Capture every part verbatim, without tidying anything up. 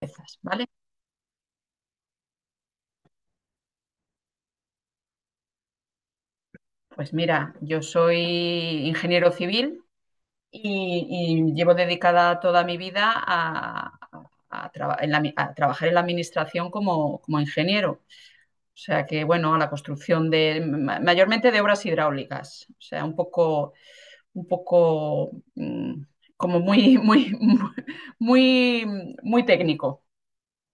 Empiezas, ¿vale? Pues mira, yo soy ingeniero civil y, y llevo dedicada toda mi vida a, a traba- en la mi- a trabajar en la administración como, como ingeniero. O sea que, bueno, a la construcción de, ma- mayormente de obras hidráulicas. O sea, un poco, un poco, mm, como muy, muy, muy, muy técnico.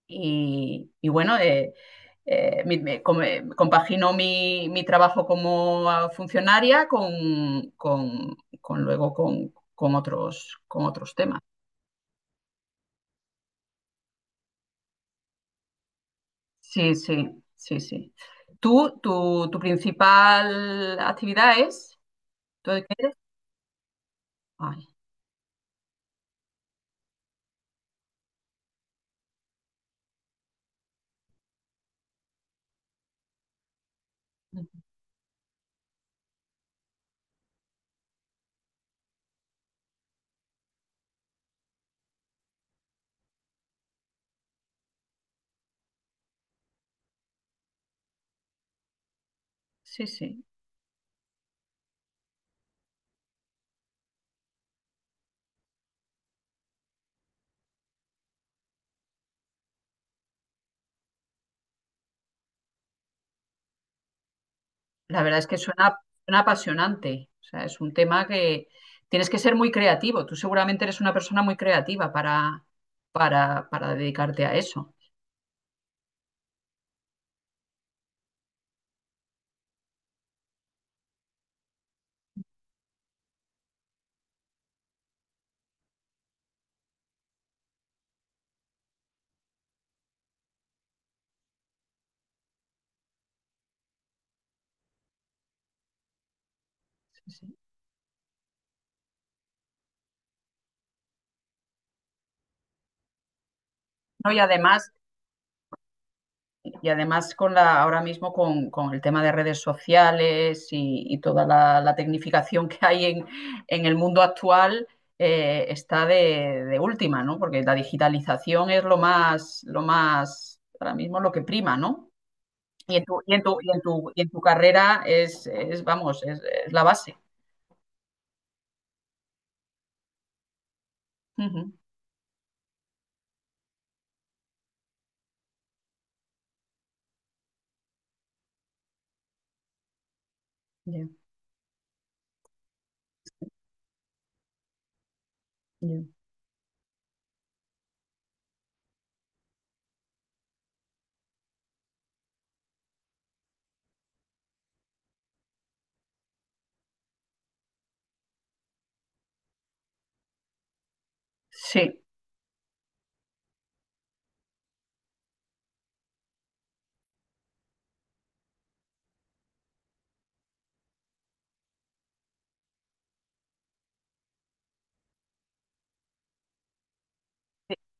Y, y bueno, eh, eh, mi- me- com- eh, compagino mi, mi trabajo como ah, funcionaria con, con- con luego con, con otros, con otros temas. Sí, sí, sí, sí. ¿Tú, tu, tu principal actividad es? ¿Tú de qué? Ay, sí, sí. La verdad es que suena, suena apasionante. O sea, es un tema que tienes que ser muy creativo. Tú seguramente eres una persona muy creativa para, para, para dedicarte a eso. Sí, sí. No, y además, y además con la, ahora mismo con, con el tema de redes sociales y, y toda la, la tecnificación que hay en, en el mundo actual, eh, está de, de última, ¿no? Porque la digitalización es lo más, lo más, ahora mismo lo que prima, ¿no? Y en tu, y en tu, y en tu, y en tu carrera es, es, vamos, es, es la base. Ujú. Ya, ya. Sí,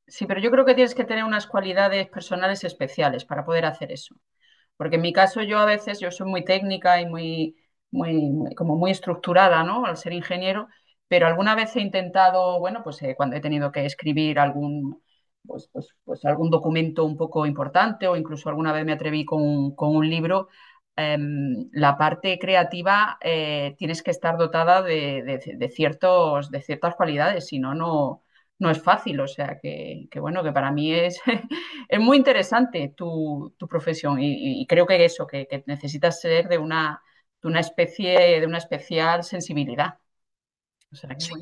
sí, pero yo creo que tienes que tener unas cualidades personales especiales para poder hacer eso. Porque en mi caso yo a veces, yo soy muy técnica y muy, muy, muy- como muy estructurada, ¿no? Al ser ingeniero, pero alguna vez he intentado, bueno, pues eh, cuando he tenido que escribir algún, pues, pues, pues algún documento un poco importante o incluso alguna vez me atreví con, un- con un libro, em, la parte creativa eh, tienes que estar dotada de, de- de ciertos, de ciertas cualidades, si no, no, no es fácil. O sea que, que bueno, que para mí es es muy interesante tu, tu profesión y, y, creo que eso, que, que necesitas ser de una, de una especie, de una especial sensibilidad. O sea, que, sí.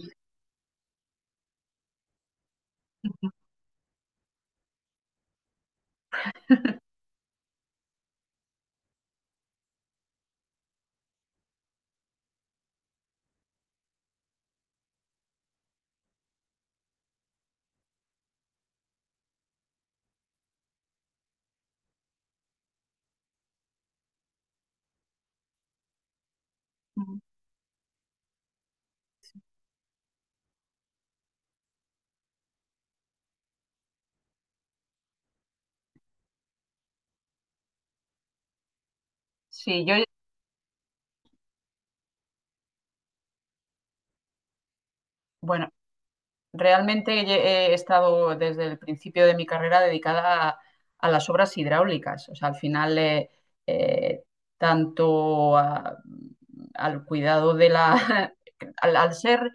Sí, yo, bueno, realmente he estado desde el principio de mi carrera dedicada a, a las obras hidráulicas. O sea, al final, eh, eh, tanto a- al cuidado de la, al, al ser,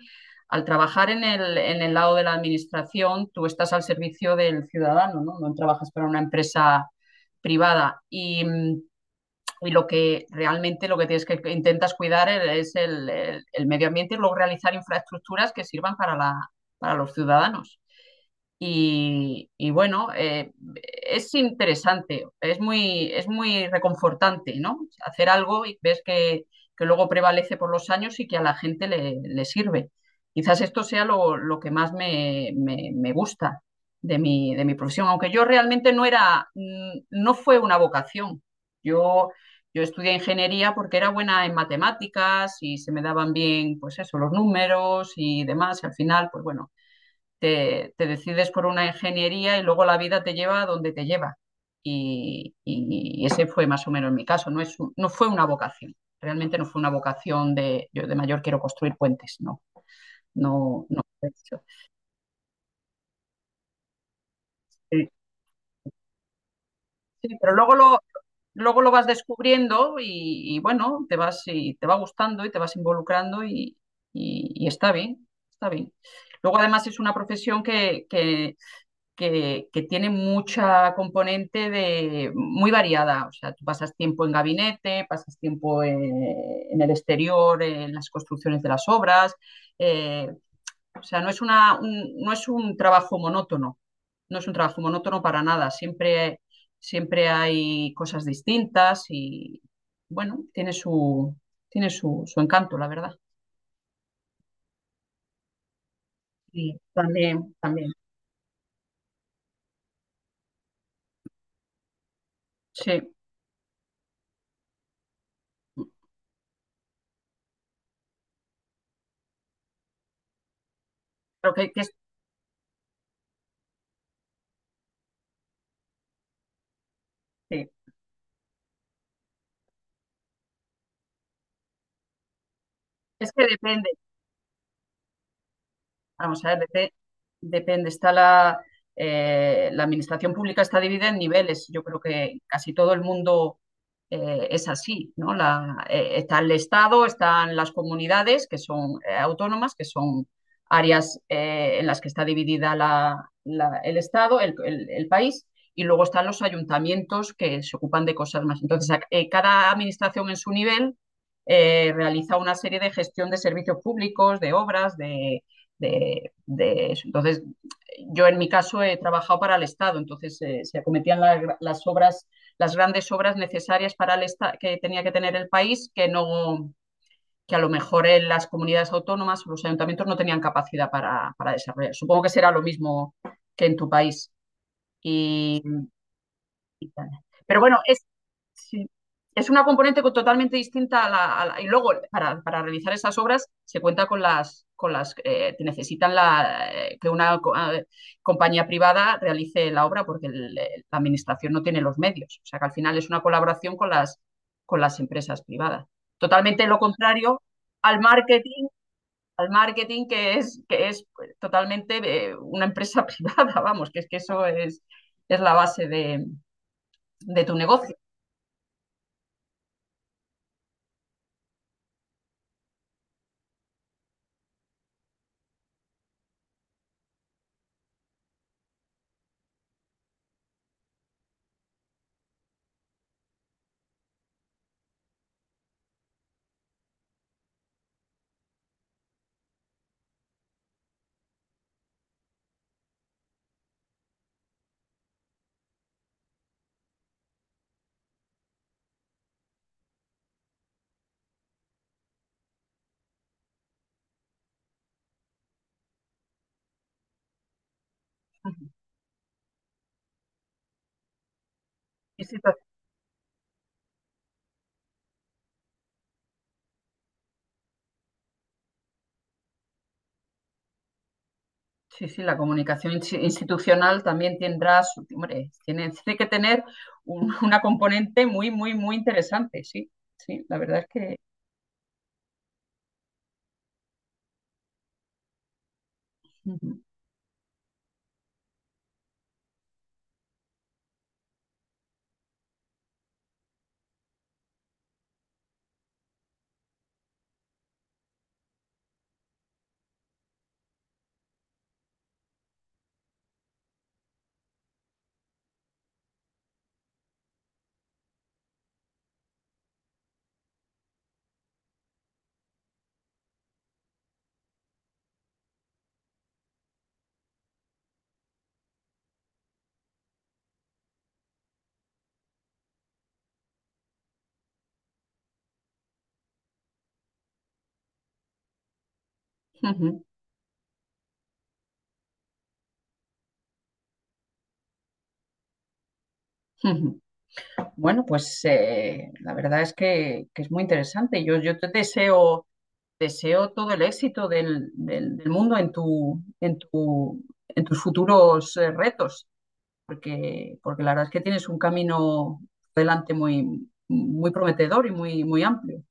al trabajar en el, en el lado de la administración, tú estás al servicio del ciudadano, ¿no? No trabajas para una empresa privada. Y, mm, y lo que realmente lo que tienes que intentas cuidar e-, es el, el- el medio ambiente y luego realizar infraestructuras que sirvan para la, para los ciudadanos. Y, y bueno, eh, es interesante, es muy, es muy reconfortante, ¿no? Hacer algo y ves que, que luego prevalece por los años y que a la gente le, le sirve. Quizás esto sea lo, lo que más me, me- me gusta de mi, de mi profesión, aunque yo realmente no era, mm, no fue una vocación. Yo, yo estudié ingeniería porque era buena en matemáticas y se me daban bien, pues eso, los números y demás. Y al final, pues bueno te, te decides por una ingeniería y luego la vida te lleva a donde te lleva. Y, y- ese fue más o menos mi caso. No, es no fue una vocación. Realmente no fue una vocación de yo de mayor quiero construir puentes. No, no, no. Sí, sí, pero luego lo, luego lo vas descubriendo y, y bueno, te vas y te va gustando y te vas involucrando y, y- y está bien, está bien. Luego además es una profesión que, que que, que tiene mucha componente de, muy variada. O sea, tú pasas tiempo en gabinete, pasas tiempo eh, en el exterior, en las construcciones de las obras. eh, o sea, no es una, un, no es un trabajo monótono, no es un trabajo monótono para nada. Siempre, siempre hay cosas distintas y, bueno, tiene su, tiene su, su encanto, la verdad. Y también, también. Sí, creo que, que es, sí. Es que depende. Vamos a ver, dep- depende. Está la, eh, la administración pública está dividida en niveles. Yo creo que casi todo el mundo eh, es así, ¿no? La- eh, está el Estado, están las comunidades que son eh, autónomas, que son áreas eh, en las que está dividida la- la- el Estado, el, el- el país, y luego están los ayuntamientos que se ocupan de cosas más. Entonces, a- eh, cada administración en su nivel eh, realiza una serie de gestión de servicios públicos, de obras, de de, de eso. Entonces, yo en mi caso he trabajado para el Estado, entonces eh, se acometían la- las obras, las grandes obras necesarias para el Estado que tenía que tener el país, que no que a lo mejor en las comunidades autónomas o los ayuntamientos no tenían capacidad para, para desarrollar. Supongo que será lo mismo que en tu país. Y, y pero bueno, es, sí. Es una componente co- totalmente distinta a la, a la- y luego para, para realizar esas obras se cuenta con las con las eh, te necesitan la, eh, que una co- ah, eh, compañía privada realice la obra porque el- el- la administración no tiene los medios. O sea que al final es una colaboración con las con las empresas privadas. Totalmente lo contrario al marketing, al marketing que es que es pues, totalmente de una empresa privada, vamos, que es que eso es es la base de, de tu negocio. Sí, sí. Sí, sí, la comunicación insti- institucional también tendrá su, hombre, tiene, tiene que tener un- una componente muy, muy, muy interesante, sí, sí, la verdad es que. Ujú, ujú, ujú. Bueno, pues eh, la verdad es que, que es muy interesante. Yo, yo te deseo, deseo todo el éxito del, del- del mundo en tu, en tu, en tus futuros eh, retos, porque, porque la verdad es que tienes un camino delante muy, muy prometedor y muy, muy amplio.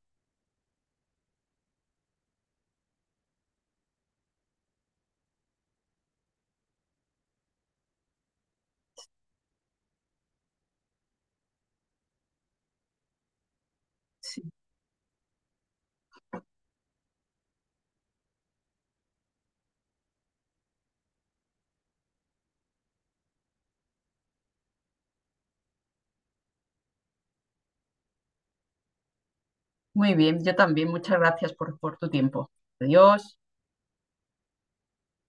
Sí. Muy bien, yo también. Muchas gracias por, por tu tiempo. Adiós.